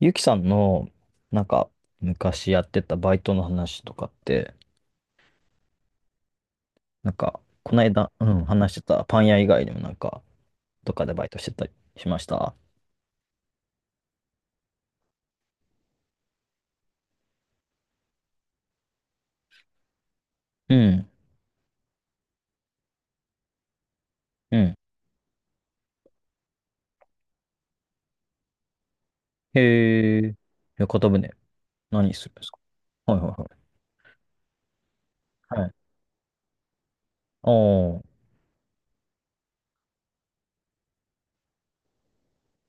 ゆきさんの、なんか、昔やってたバイトの話とかって、この間、うん、話してたパン屋以外にもどっかでバイトしてたりしました。うん、うん。へえ。屋形船、何するんですか？はいはいはい。はい。あ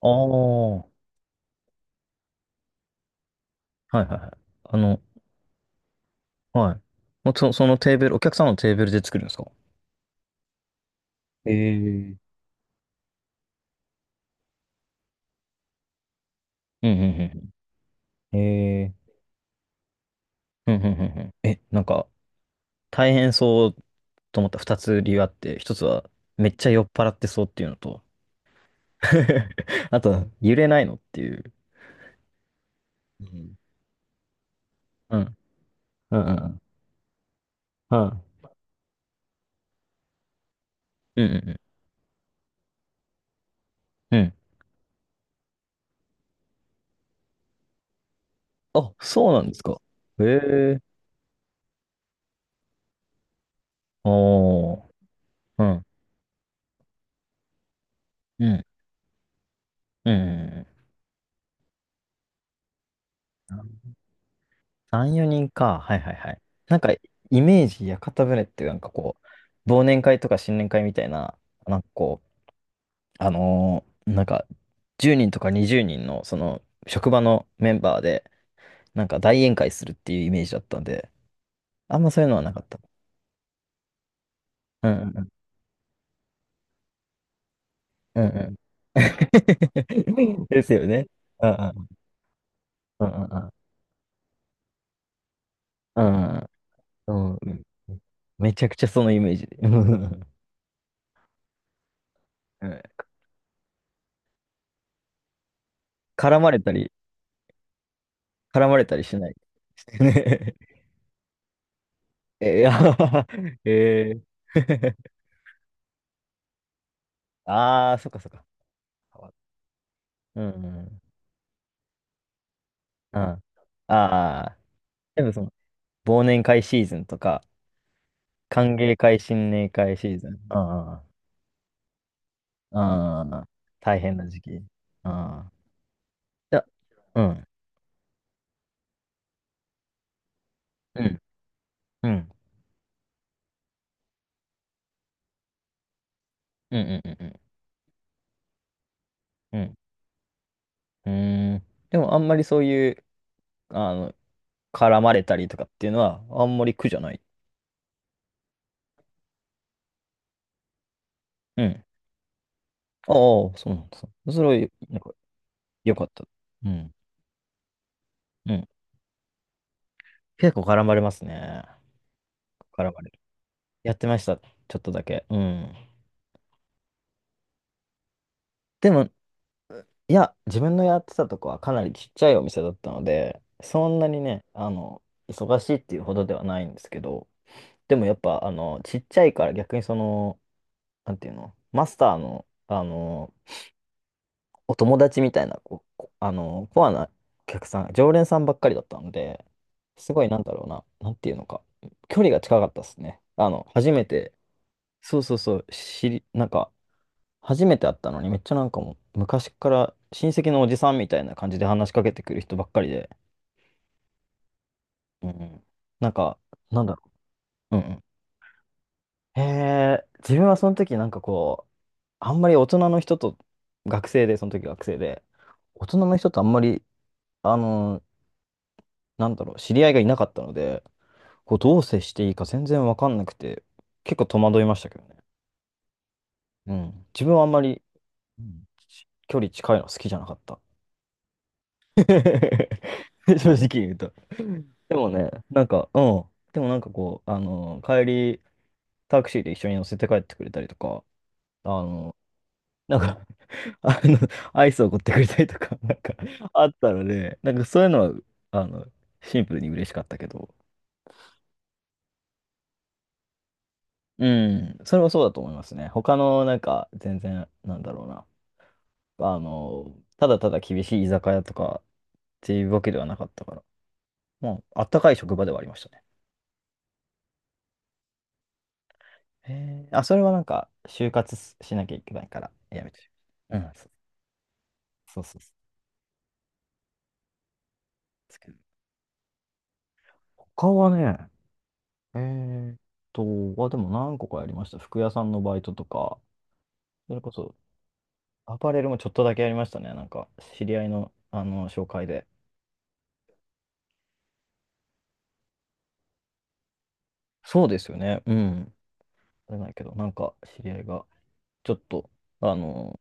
あ、ああ、はいはいはい。あの、はい。もうそ、そのテーブル、お客さんのテーブルで作るんですか？へえ。うんうんうんうん。へえ。うんうんうんうん。え、なんか、大変そうと思った二つ理由あって、一つは、めっちゃ酔っ払ってそうっていうのと、あとは、揺れないのっていう。うん。うん。うんうんうん。うんうんうん。うん。あ、そうなんですか。へえ。おー。うん。うん。うん。3、4人か。はいはいはい。なんか、イメージ、屋形船ってなんかこう、忘年会とか新年会みたいな、なんかこう、あのーなんか、10人とか20人の、その、職場のメンバーで、なんか大宴会するっていうイメージだったんで、あんまそういうのはなかった。うんうんうんうんうん。ですよね。うんうんうんうんうんうんうん。めちゃくちゃそのイメージで。うんうんうん。絡まれたり、絡まれたりしない。ね。えー、あー えー ああそっかそっか。うんうんうん。ああー、でもその、忘年会シーズンとか、歓迎会、新年会シーズン。うんうんうん。ああ、大変な時期。ああ、いや、うん。うん。うん。うん。うん。うん。うん。うん。うーんでも、あんまりそういう、あの、絡まれたりとかっていうのは、あんまり苦じゃない。うん。ああ、そうなんですね。それはよ、なんか、よかった。うん。うん。結構絡まれますね。絡まれる。やってました。ちょっとだけ。うん。でも、いや、自分のやってたとこはかなりちっちゃいお店だったので、そんなにね、あの、忙しいっていうほどではないんですけど、でもやっぱ、あの、ちっちゃいから逆にその、なんていうの、マスターの、あの、お友達みたいな、こう、こあの、コアなお客さん、常連さんばっかりだったので、すごいなんだろうな、なんていうのか、距離が近かったですね。あの、初めて、そうそうそう、知り、なんか、初めて会ったのに、めっちゃなんかもう、昔から親戚のおじさんみたいな感じで話しかけてくる人ばっかりで、うんうん、なんか、なんだろう。うん。へえ、自分はその時なんかこう、あんまり大人の人と、学生で、その時学生で、大人の人とあんまり、あの、なんだろう、知り合いがいなかったので、こうどう接していいか全然わかんなくて、結構戸惑いましたけどね。うん。自分はあんまり、うんち距離近いの好きじゃなかった。正直言うと。でもね、なんか、うん。でもなんかこう、あの、帰り、タクシーで一緒に乗せて帰ってくれたりとか、あの、なんかあの、アイスを送ってくれたりとか、なんか、あったので、なんかそういうのは、あの、シンプルに嬉しかったけど、うん、それはそうだと思いますね。他の、なんか、全然、なんだろうな、あの、ただただ厳しい居酒屋とかっていうわけではなかったから、もう、あったかい職場ではありましたね。へー。あ、それはなんか、就活しなきゃいけないから、やめてしまった。うん、そうそうそうそう。ですけど他はね、えーっと、あ、でも何個かやりました。服屋さんのバイトとか、それこそ、アパレルもちょっとだけやりましたね。なんか、知り合いの、あの、紹介で。そうですよね。うん。あれないけど、なんか、知り合いが、ちょっと、あの、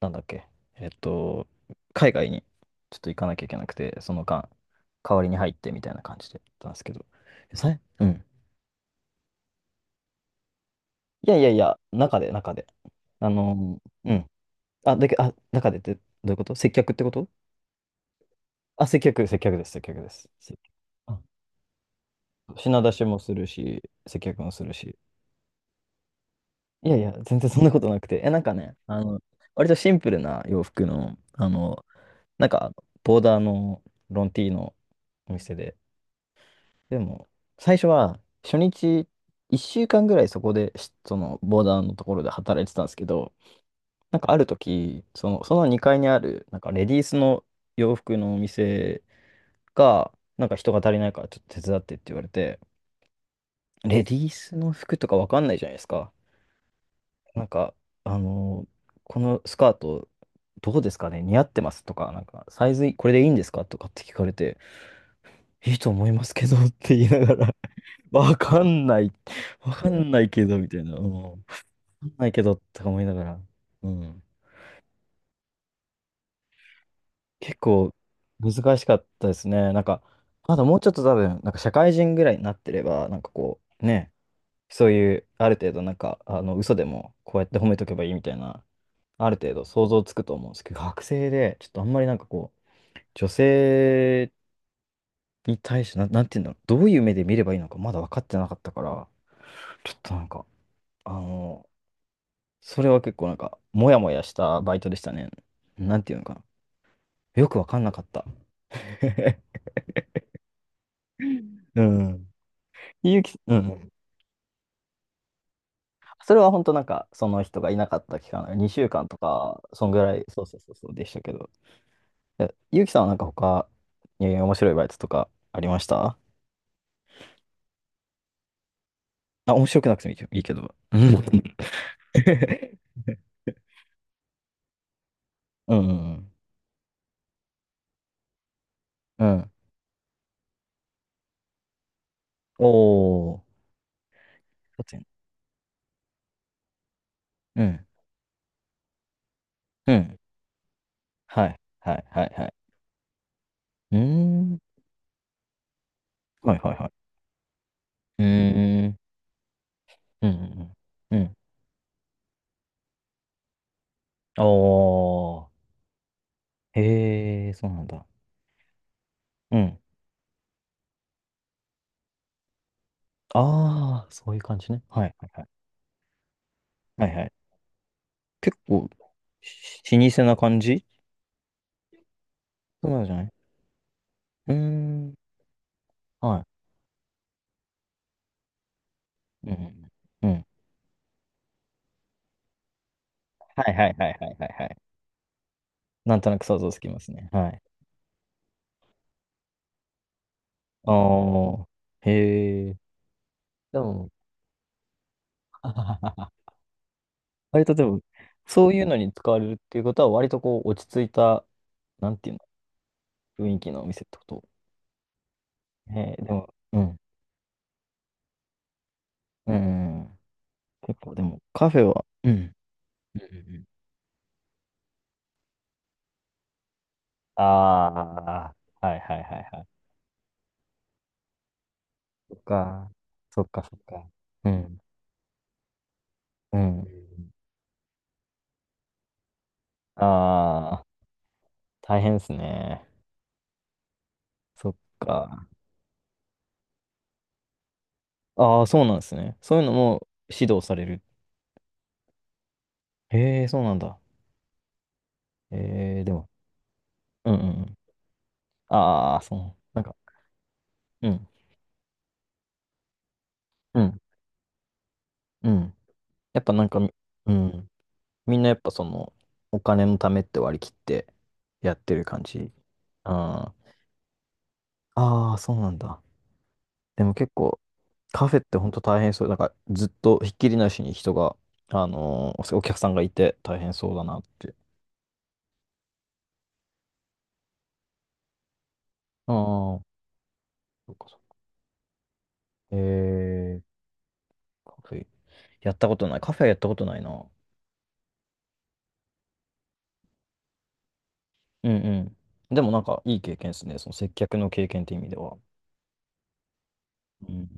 なんだっけ、えっと、海外にちょっと行かなきゃいけなくて、その間、代わりに入ってみたいな感じでやったんですけど。さいうん。いやいやいや、中で、中で。あの、うん。あ、だけ、あ、中でってどういうこと？接客ってこと？あ、接客、接客です、接客です。接客。あ、品出しもするし、接客もするし。いやいや、全然そんなことなくて。え、なんかね、あの、割とシンプルな洋服の、あの、なんか、ボーダーのロンティーのお店で。でも、最初は、初日、1週間ぐらいそこで、しその、ボーダーのところで働いてたんですけど、なんかある時、その、その2階にある、なんか、レディースの洋服のお店が、なんか人が足りないから、ちょっと手伝ってって言われて、レディースの服とかわかんないじゃないですか。なんか、あのーこのスカート、どうですかね似合ってますとか、なんか、サイズこれでいいんですかとかって聞かれて、いいと思いますけどって言いながら、わかんない、わかんないけど、みたいな、うん、わかんないけどとか思いながら、うん、結構難しかったですね。なんか、まだもうちょっと多分、なんか社会人ぐらいになってれば、なんかこう、ね、そういう、ある程度なんか、あの、嘘でもこうやって褒めとけばいいみたいな、ある程度想像つくと思うんですけど、学生で、ちょっとあんまりなんかこう、女性に対して、なんていうんだろう、どういう目で見ればいいのかまだ分かってなかったから、ちょっとなんか、あの、それは結構なんか、モヤモヤしたバイトでしたね。なんていうのかな。よく分かんなかった。うん。ゆうき、うん。それは本当なんか、その人がいなかった期間、2週間とか、そんぐらい、そうそうそうそうでしたけど。え、ゆうきさんはなんか他、えー面白いバイトとかありました？あ、面白くなくてもいいけど。いいけどうん。うんうんうん。おー。そうですね。うん。うん。はい。はい。はい。はい。うーん。はいはいはい。うーん。うん。うん。うん。おー。へえ、そうなんだ。うん。ああ、そういう感じね。はいはいはい。はいはい。結構、し老舗な感じ？そうなんじゃない？うーん。はい。うんうん。はいはいはいはいはいはい。なんとなく想像つきますね。はい。ああ、へえ。でも、割とでも、そういうのに使われるっていうことは、割とこう、落ち着いた、なんていうの、雰囲気のお店ってこと。えー、でも、うん。うん。うん。結構、でも、カフェは、うん。うんうんうん。ああー、はいはいはいはい。そっか、そっかそっか。うん。うん。ああ、大変ですね。そっか。ああ、そうなんですね。そういうのも指導される。へえ、そうなんだ。ええ、でも、うんうんうん。ああ、そう。なんか、うん、うん、うん。やっぱなんか、うん。みんなやっぱその、お金のためって割り切ってやってる感じ。ああ、ああ、そうなんだ。でも結構、カフェって本当大変そう。なんか、ずっとひっきりなしに人が、お客さんがいて大変そうだなって。ああ、そうかそう。ええ、カフェ。やったことない。カフェやったことないな。うんうん。でもなんかいい経験ですね。その接客の経験って意味では。うん